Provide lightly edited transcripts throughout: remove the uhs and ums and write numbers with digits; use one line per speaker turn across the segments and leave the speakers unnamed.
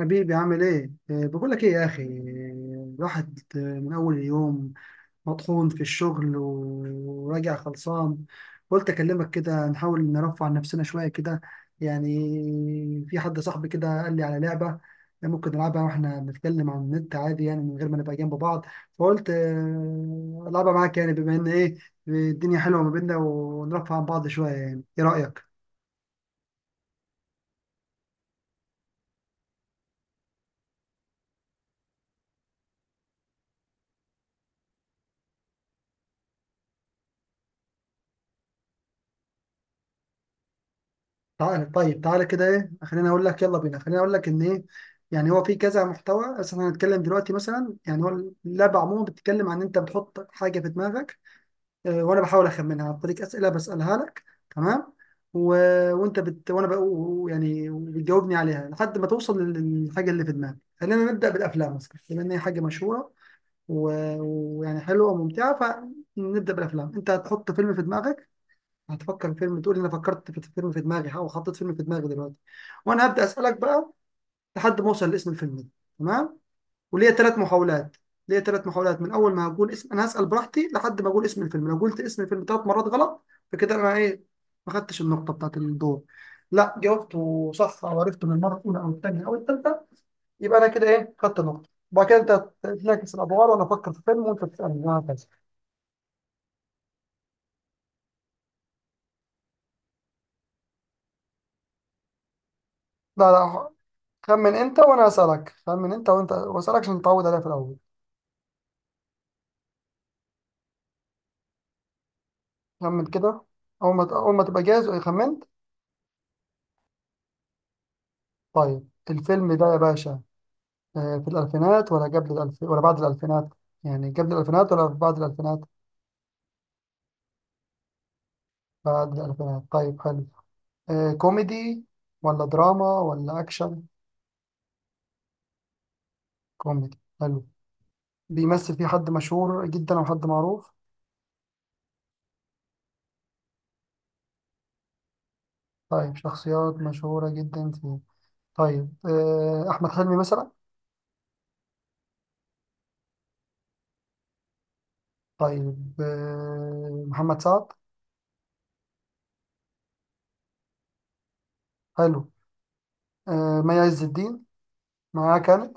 حبيبي، عامل ايه؟ إيه، بقول لك ايه يا اخي، إيه، الواحد من اول اليوم مطحون في الشغل و- وراجع خلصان. قلت اكلمك كده، نحاول نرفع عن نفسنا شويه كده. يعني في حد صاحبي كده قال لي على لعبه، ممكن نلعبها واحنا بنتكلم عن النت عادي، يعني من غير ما نبقى جنب بعض. فقلت العبها معاك، يعني بما ان ايه، الدنيا حلوه ما بيننا ونرفع عن بعض شويه. يعني ايه رايك؟ تعال طيب، تعالى كده ايه، خليني اقول لك يلا بينا، خليني اقول لك ان ايه، يعني هو في كذا محتوى، بس احنا هنتكلم دلوقتي مثلا. يعني هو اللعبه عموما بتتكلم عن ان انت بتحط حاجه في دماغك، وانا بحاول اخمنها عن طريق اسئله بسالها لك. تمام. و... وانت وانا بقى، يعني بتجاوبني عليها لحد ما توصل لل- للحاجه اللي في دماغك. خلينا نبدا بالافلام مثلا، بما ان هي حاجه مشهوره و- ويعني حلوه وممتعه. فنبدا بالافلام. انت هتحط فيلم في دماغك، هتفكر في فيلم، تقول لي انا فكرت في فيلم في دماغي او حطيت فيلم في دماغي دلوقتي، وانا هبدا اسالك بقى لحد ما اوصل لاسم الفيلم ده. تمام. وليا ثلاث محاولات. ليا ثلاث محاولات من اول ما هقول اسم، انا هسال براحتي لحد ما اقول اسم الفيلم. لو قلت اسم الفيلم ثلاث مرات غلط فكده انا ايه، ما خدتش النقطه بتاعت الدور. لا، جاوبته صح او عرفته من المره الاولى او الثانيه او الثالثه، يبقى انا كده ايه، خدت نقطه. وبعد كده انت تنعكس الادوار، وانا افكر في فيلم وانت تسالني وهكذا. لا لا، خمن انت وانا اسالك، خمن انت وانت واسالك عشان نتعود عليها في الاول. خمن كده. أول ما تبقى جاهز خمنت. طيب الفيلم ده يا باشا، في الألفينات ولا قبل الألف ولا بعد الألفينات؟ يعني قبل الألفينات ولا بعد الألفينات؟ بعد الألفينات، طيب حلو. كوميدي ولا دراما ولا أكشن؟ كوميدي، حلو. بيمثل فيه حد مشهور جدا أو حد معروف؟ طيب، شخصيات مشهورة جدا فيه. طيب أحمد حلمي مثلا؟ طيب محمد سعد؟ حلو. مي عز الدين معاه كان؟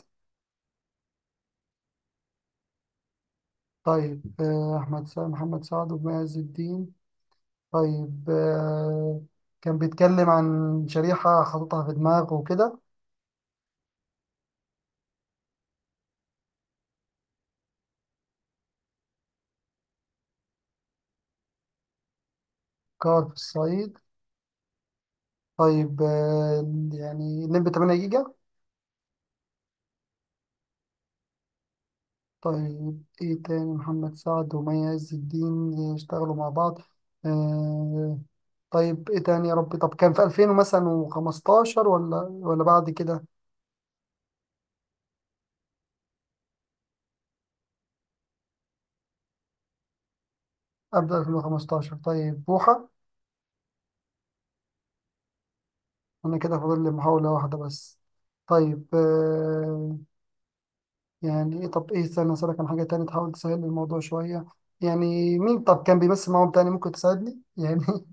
طيب، آه، أحمد سعد محمد سعد ومعز الدين. طيب كان بيتكلم عن شريحة حاططها في دماغه وكده. كار في الصعيد. طيب يعني الليمبي 8 جيجا؟ طيب إيه تاني محمد سعد ومعز الدين يشتغلوا مع بعض؟ آه، طيب إيه تاني يا ربي؟ طب كان في 2000 مثلا وخمستاشر ولا بعد كده؟ قبل 2015، طيب بوحة. أنا كده فاضل لي محاولة واحدة بس. طيب يعني إيه؟ طب إيه، استنى أسألك عن حاجة تانية تحاول تسهل لي الموضوع شوية. يعني مين طب كان بيمثل معاهم تاني ممكن تساعدني يعني؟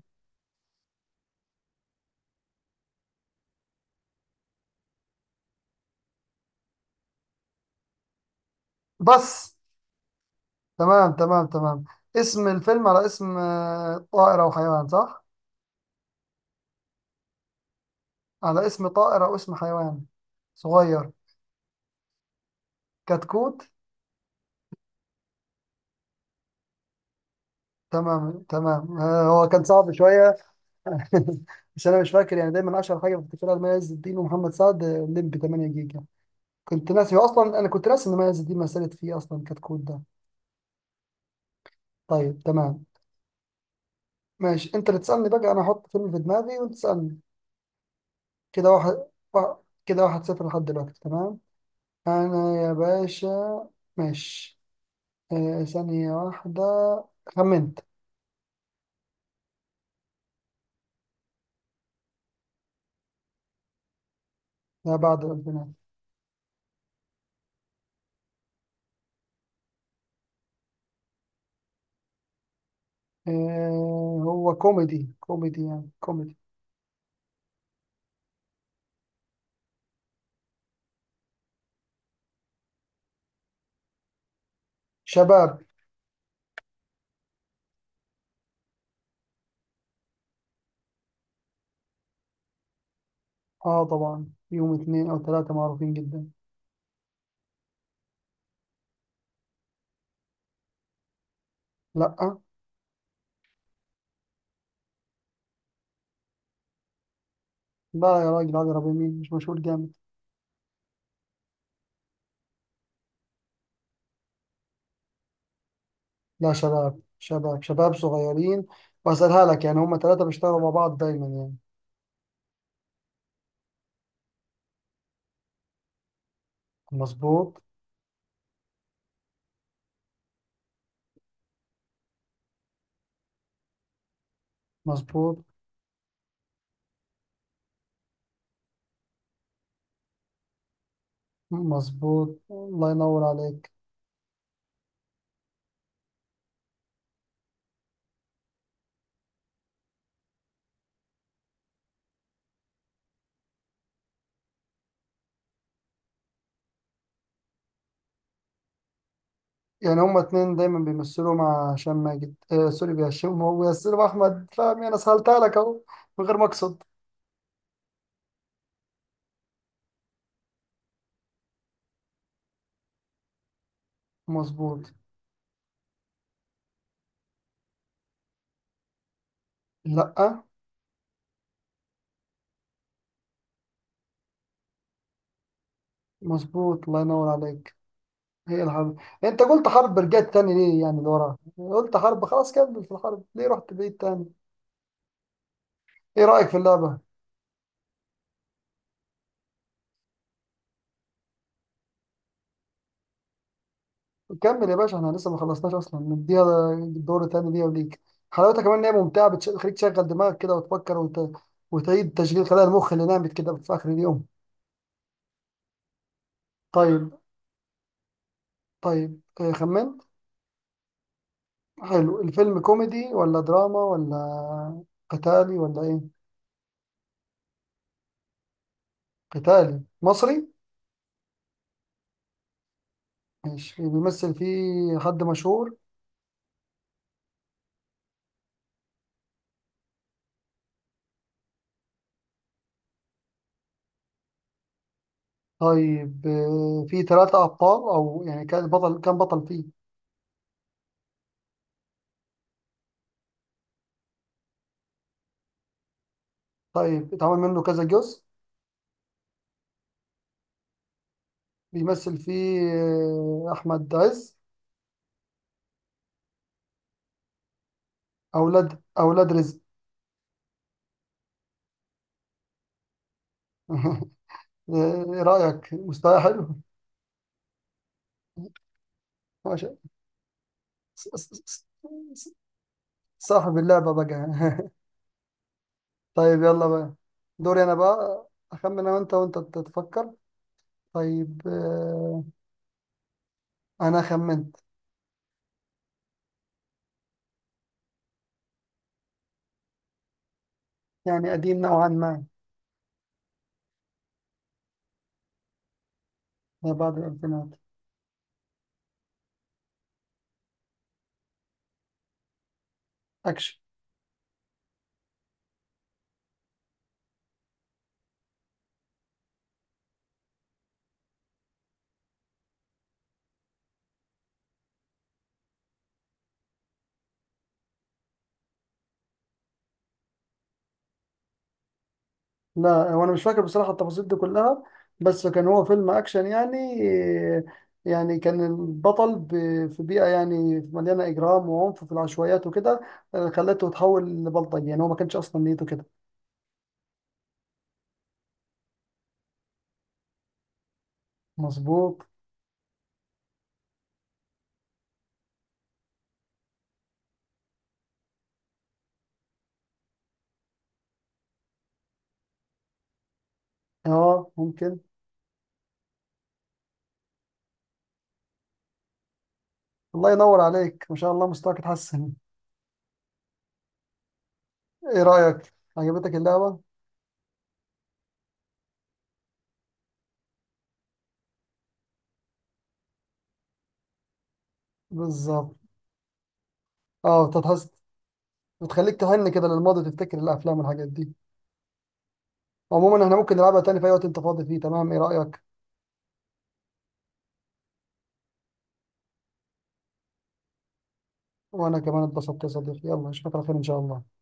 بس. تمام تمام تمام. اسم الفيلم على اسم طائر أو حيوان، صح؟ على اسم طائر أو اسم حيوان صغير. كتكوت. تمام تمام، هو كان صعب شوية. مش، أنا مش فاكر، يعني دايما أشهر حاجة بفتكرها لما عز الدين ومحمد سعد الليمبي 8 جيجا. كنت ناسي، هو أصلا أنا كنت ناسي إن ما عز الدين مثلت فيه أصلا كتكوت ده. طيب تمام. ماشي، انت اللي تسألني بقى، انا هحط فيلم في دماغي وانت تسألني. كده واحد وا- صفر لحد دلوقتي، تمام. انا يا باشا، ماشي. ثانية واحدة. خمنت. لا، بعد البنات. هو كوميدي، كوميدي يعني، كوميدي. شباب. اه طبعا، يوم اتنين او تلاتة معروفين جدا. لا لا يا راجل، عادل ربيع مين، مش مشهور جامد. لا، شباب شباب شباب صغيرين. واسألها لك يعني، هما تلاتة بيشتغلوا مع بعض دايما يعني. مظبوط مظبوط مظبوط، الله ينور عليك. يعني هما اتنين دايما بيمثلوا مع هشام ماجد، سوري بهشام، هو بيمثلوا احمد فهمي. انا سهلتها لك اهو من غير ما اقصد. مظبوط. لا، مظبوط الله ينور عليك. هي الحرب، انت قلت حرب، رجعت تاني ليه يعني؟ لورا قلت حرب خلاص، كمل في الحرب، ليه رحت بعيد تاني؟ ايه رأيك في اللعبة؟ كمل يا باشا، احنا لسه ما خلصناش اصلا، نديها دور تاني ليها وليك. حلاوتها كمان ان هي ممتعه، بتش- بتخليك تشغل دماغك كده وتفكر وت... وتعيد تشغيل خلايا المخ اللي نامت كده في اخر اليوم. طيب. طيب خمنت. حلو. الفيلم كوميدي ولا دراما ولا قتالي ولا ايه؟ قتالي مصري. ماشي، بيمثل فيه حد مشهور؟ طيب فيه ثلاثة أبطال أو يعني كان بطل، كان بطل فيه؟ طيب، اتعمل منه كذا جزء. بيمثل فيه أحمد عز. اولاد رزق. ايه رايك، مستوى حلو؟ ماشي. ص- ص- ص- ص- صاحب اللعبه بقى. طيب يلا بقى، دوري انا بقى، اخمن انا وانت، وانت تتفكر. طيب انا خمنت. يعني قديم نوعا ما. ما بعد الالفينات. اكشن. لا، وانا مش فاكر بصراحه التفاصيل دي كلها، بس كان هو فيلم اكشن يعني. يعني كان البطل في بيئه يعني مليانه اجرام وعنف في العشوائيات وكده، خلته يتحول لبلطجي يعني، هو ما كانش اصلا نيته كده. مظبوط. اه ممكن. الله ينور عليك ما شاء الله، مستواك اتحسن. ايه رايك، عجبتك اللعبه؟ بالظبط، اه بتتحس، بتخليك تهن كده للماضي، تفتكر الافلام والحاجات دي. عموما احنا ممكن نلعبها تاني في اي وقت انت فاضي فيه، تمام؟ ايه رايك؟ وانا كمان اتبسطت يا صديقي، يلا اشوفك على خير ان شاء الله.